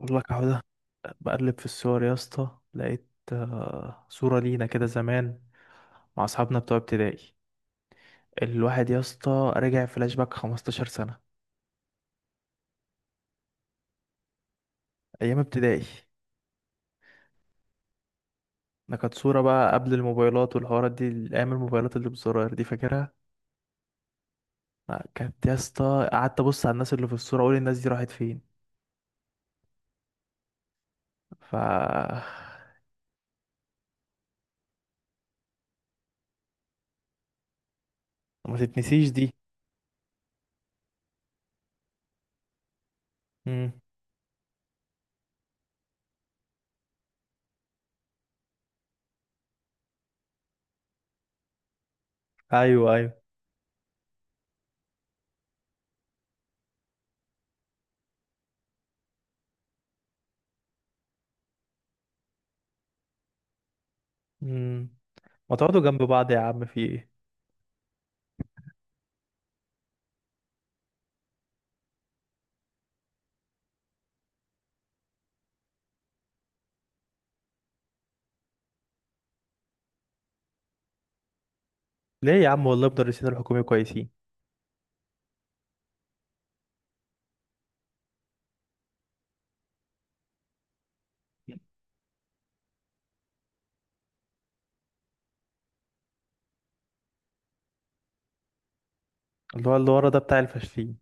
والله اهو ده، بقلب في الصور يا اسطى، لقيت صورة لينا كده زمان مع اصحابنا بتوع ابتدائي. الواحد يا اسطى رجع فلاش باك 15 سنة ايام ابتدائي. ده كانت صورة بقى قبل الموبايلات والحوارات دي، ايام الموبايلات اللي بزراير دي، فاكرها. كانت يا اسطى قعدت ابص على الناس اللي في الصورة، اقول الناس دي راحت فين. ف آه، ما تتنسيش دي. مم. ايوه، ايوه. مم. ما تقعدوا جنب بعض يا عم، في ايه؟ ليه يا عم، والله مدرسين الحكومي كويسين. اللي هو اللي ورا ده بتاع الفاشلين.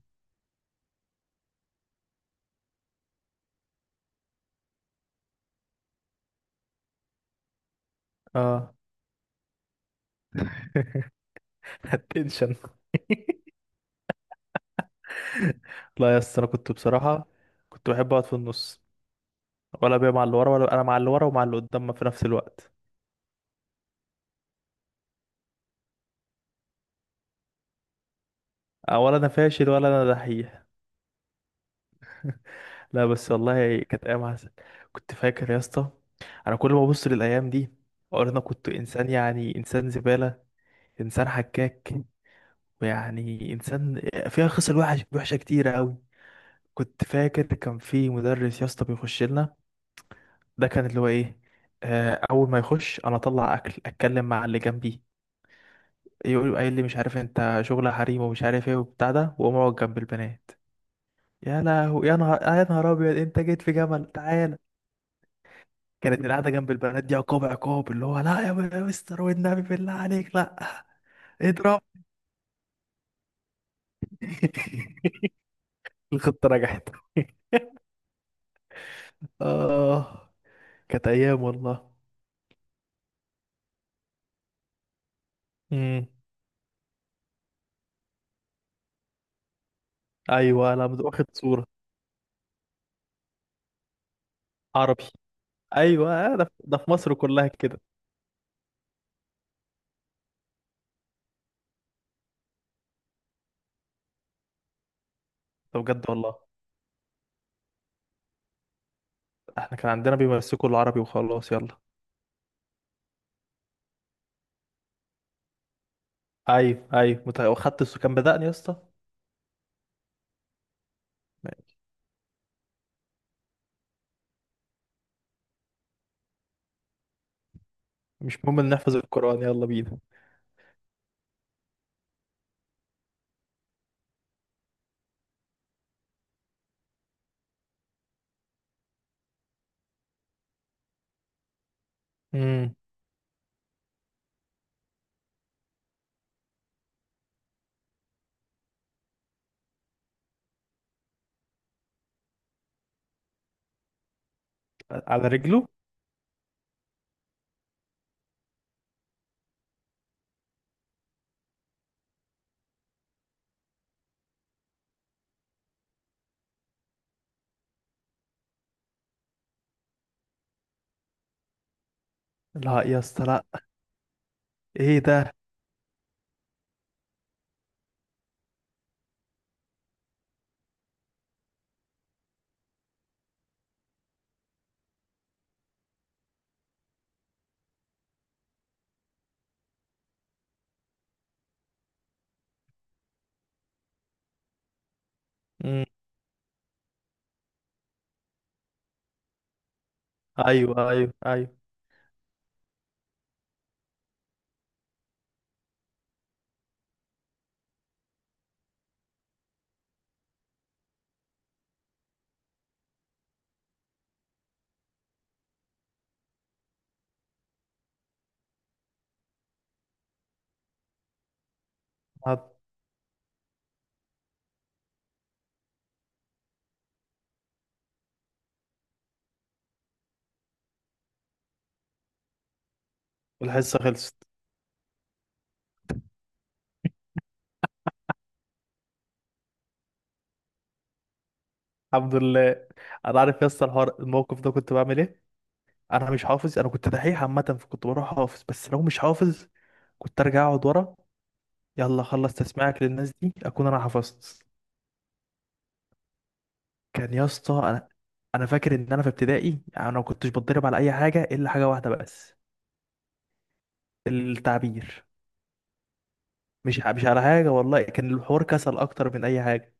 اه. التنشن. لا يا اسطى، انا كنت بصراحه كنت بحب اقعد في النص، ولا بيا مع اللي ورا ولا انا مع اللي ورا ومع اللي قدام في نفس الوقت. آه، ولا انا فاشل ولا انا دحيح. لا، بس والله كانت ايام عسل. كنت فاكر يا اسطى، انا كل ما ابص للايام دي اقول انا كنت انسان، يعني انسان زباله، انسان حكاك، ويعني انسان فيها خصال وحش وحشه كتير قوي. كنت فاكر كان في مدرس يا اسطى بيخش لنا، ده كان اللي هو ايه، اول ما يخش انا اطلع اكل اتكلم مع اللي جنبي. يقول قايل لي مش عارف انت شغل حريم ومش عارف ايه وبتاع ده، واقوم اقعد جنب البنات. يا لهو، يا نهار، يا نهار ابيض، انت جيت في جمل، تعالى. كانت القعده جنب البنات دي عقاب عقاب، اللي هو لا يا مستر، والنبي بالله عليك لا. اضرب. الخطه نجحت. اه، كانت ايام والله. امم. ايوه، انا واخد صوره. عربي. ايوه، ده في مصر كلها كده. ده بجد والله. احنا كان عندنا بيمسكوا العربي وخلاص يلا. ايوه، ايوه، وخدت السو، كان بدأني يا اسطى. مش مهم ان نحفظ القرآن، يلا بينا. امم. على رجله. لا يا اسطى لا. ايه ده؟ امم. ايوه، ايوه، ايوه، هاد- والحصة خلصت. الحمد لله. انا عارف يا اسطى، الحوار الموقف ده كنت بعمل ايه. انا مش حافظ، انا كنت دحيح عامة، فكنت بروح حافظ. بس لو مش حافظ كنت ارجع اقعد ورا، يلا خلص تسميعك للناس دي اكون انا حفظت. كان يا اسطى، انا فاكر ان انا في ابتدائي انا ما كنتش بتضرب على اي حاجه الا حاجه واحده بس. التعبير. مش على حاجه والله، كان الحوار كسل اكتر من اي حاجه.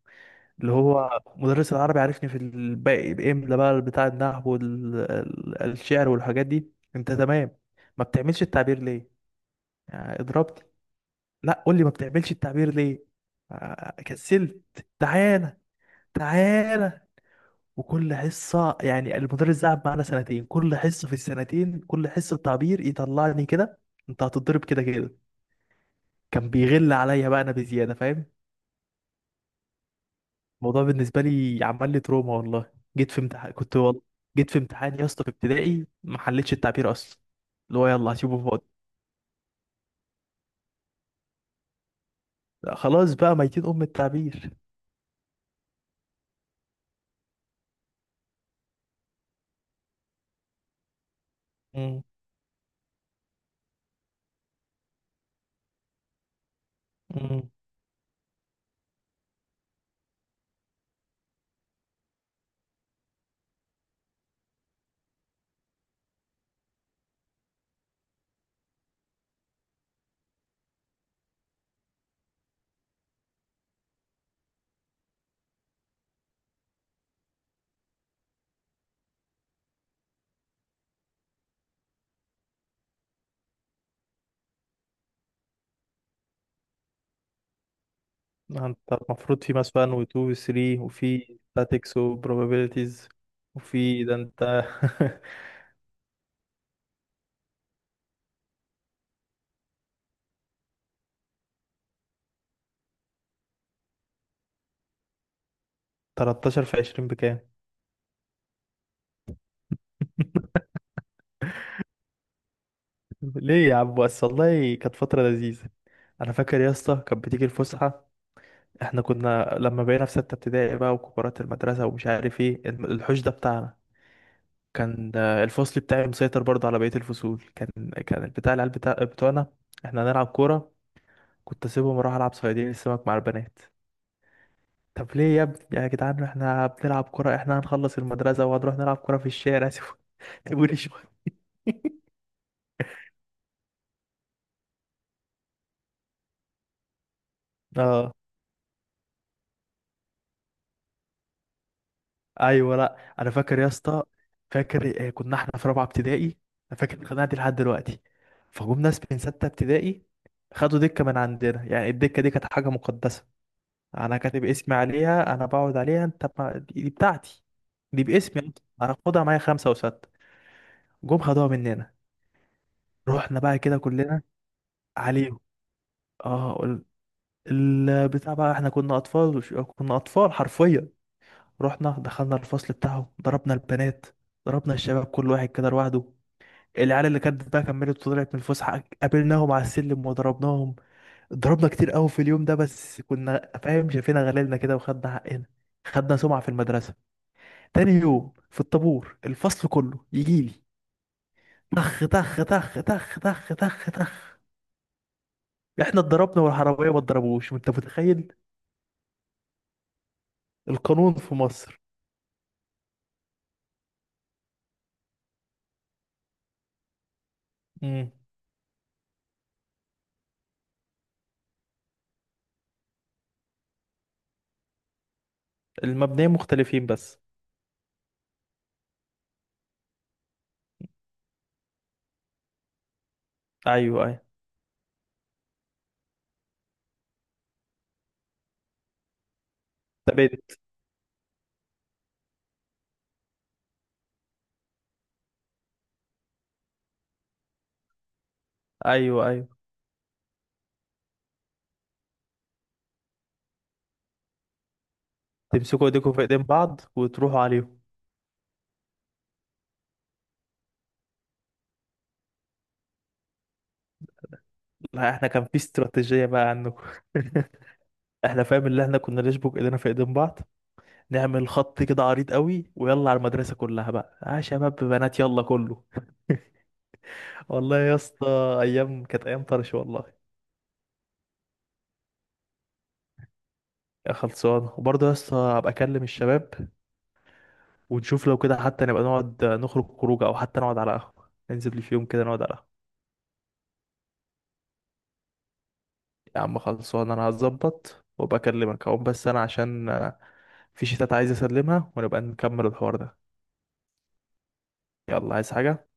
اللي هو مدرس العربي عارفني في الباقي، باملا بقى بتاع النحو والشعر والحاجات دي انت تمام، ما بتعملش التعبير ليه؟ يعني اضربني. لا قول لي ما بتعملش التعبير ليه؟ كسلت. تعالى، تعالى. وكل حصة، يعني المدرس ده قعد معانا سنتين، كل حصة في السنتين، كل حصة تعبير يطلعني كده، انت هتضرب كده كده. كان بيغل عليا بقى انا بزيادة، فاهم. الموضوع بالنسبة لي عمل لي تروما والله. جيت في امتحان كنت والله، جيت في امتحان يا اسطى في ابتدائي ما حلتش التعبير اصلا، اللي هو يلا هسيبه فاضي. لا، خلاص بقى ميتين ام التعبير. امم، امم. انت المفروض في مثلا و2 و3 وفي statics و probabilities وفي ده انت. 13 في 20 بكام؟ ليه يا عم، بس والله كانت فترة لذيذة. أنا فاكر يا اسطى، كانت بتيجي الفسحة. احنا كنا لما بقينا في ستة ابتدائي بقى وكبارات المدرسة ومش عارف ايه، الحوش ده بتاعنا. كان الفصل بتاعي مسيطر برضه على بقية الفصول، كان. كان بتاع العيال بتاع بتوعنا. احنا هنلعب كورة، كنت اسيبهم اروح العب صيادين السمك مع البنات. طب ليه يا ابني يا جدعان، احنا بنلعب كورة، احنا هنخلص المدرسة وهنروح نلعب كورة في الشارع. سيبوني، سيبوني شوية. ايوه، لا انا فاكر يا اسطى، فاكر كنا احنا في رابعه ابتدائي. انا فاكر الخناقه دي لحد دلوقتي، فجم ناس من سته ابتدائي خدوا دكه من عندنا، يعني الدكه دي كانت حاجه مقدسه. انا كاتب اسمي عليها، انا بقعد عليها، انت ما... دي بتاعتي. دي باسمي أنت. انا خدها معايا، خمسه وسته جم خدوها مننا، رحنا بقى كده كلنا عليهم. اه. البتاع بقى، احنا كنا اطفال كنا اطفال حرفيا. رحنا دخلنا الفصل بتاعهم، ضربنا البنات، ضربنا الشباب كل واحد كده لوحده. العيال اللي كانت بقى كملت وطلعت من الفسحه، قابلناهم على السلم وضربناهم. ضربنا كتير قوي في اليوم ده، بس كنا فاهم شايفينها غليلنا كده، وخدنا حقنا. خدنا سمعه في المدرسه. تاني يوم في الطابور الفصل كله يجيلي، تخ تخ تخ تخ تخ تخ تخ. احنا اتضربنا والحراميه ما اتضربوش، انت متخيل؟ القانون في مصر. امم. المبنيين مختلفين بس. ايوه، ايوه، ثابت. ايوه، ايوه، تمسكوا ايديكم في ايدين بعض وتروحوا عليهم. لا، احنا كان في استراتيجية بقى عنكم. احنا فاهم، اللي احنا كنا نشبك ايدينا في ايدين بعض، نعمل خط كده عريض قوي، ويلا على المدرسه كلها بقى. اه، شباب بنات يلا كله. والله يا اسطى، ايام كانت ايام طرش والله. يا خلصانه، وبرضه يا اسطى هبقى اكلم الشباب، ونشوف لو كده حتى نبقى نقعد نخرج خروجه، او حتى نقعد على قهوه، ننزل في يوم كده نقعد على قهوه. يا عم خلصانه، انا هظبط وابقى اكلمك اهو، بس انا عشان في شتات عايز اسلمها، ونبقى نكمل الحوار ده. يلا، عايز حاجه؟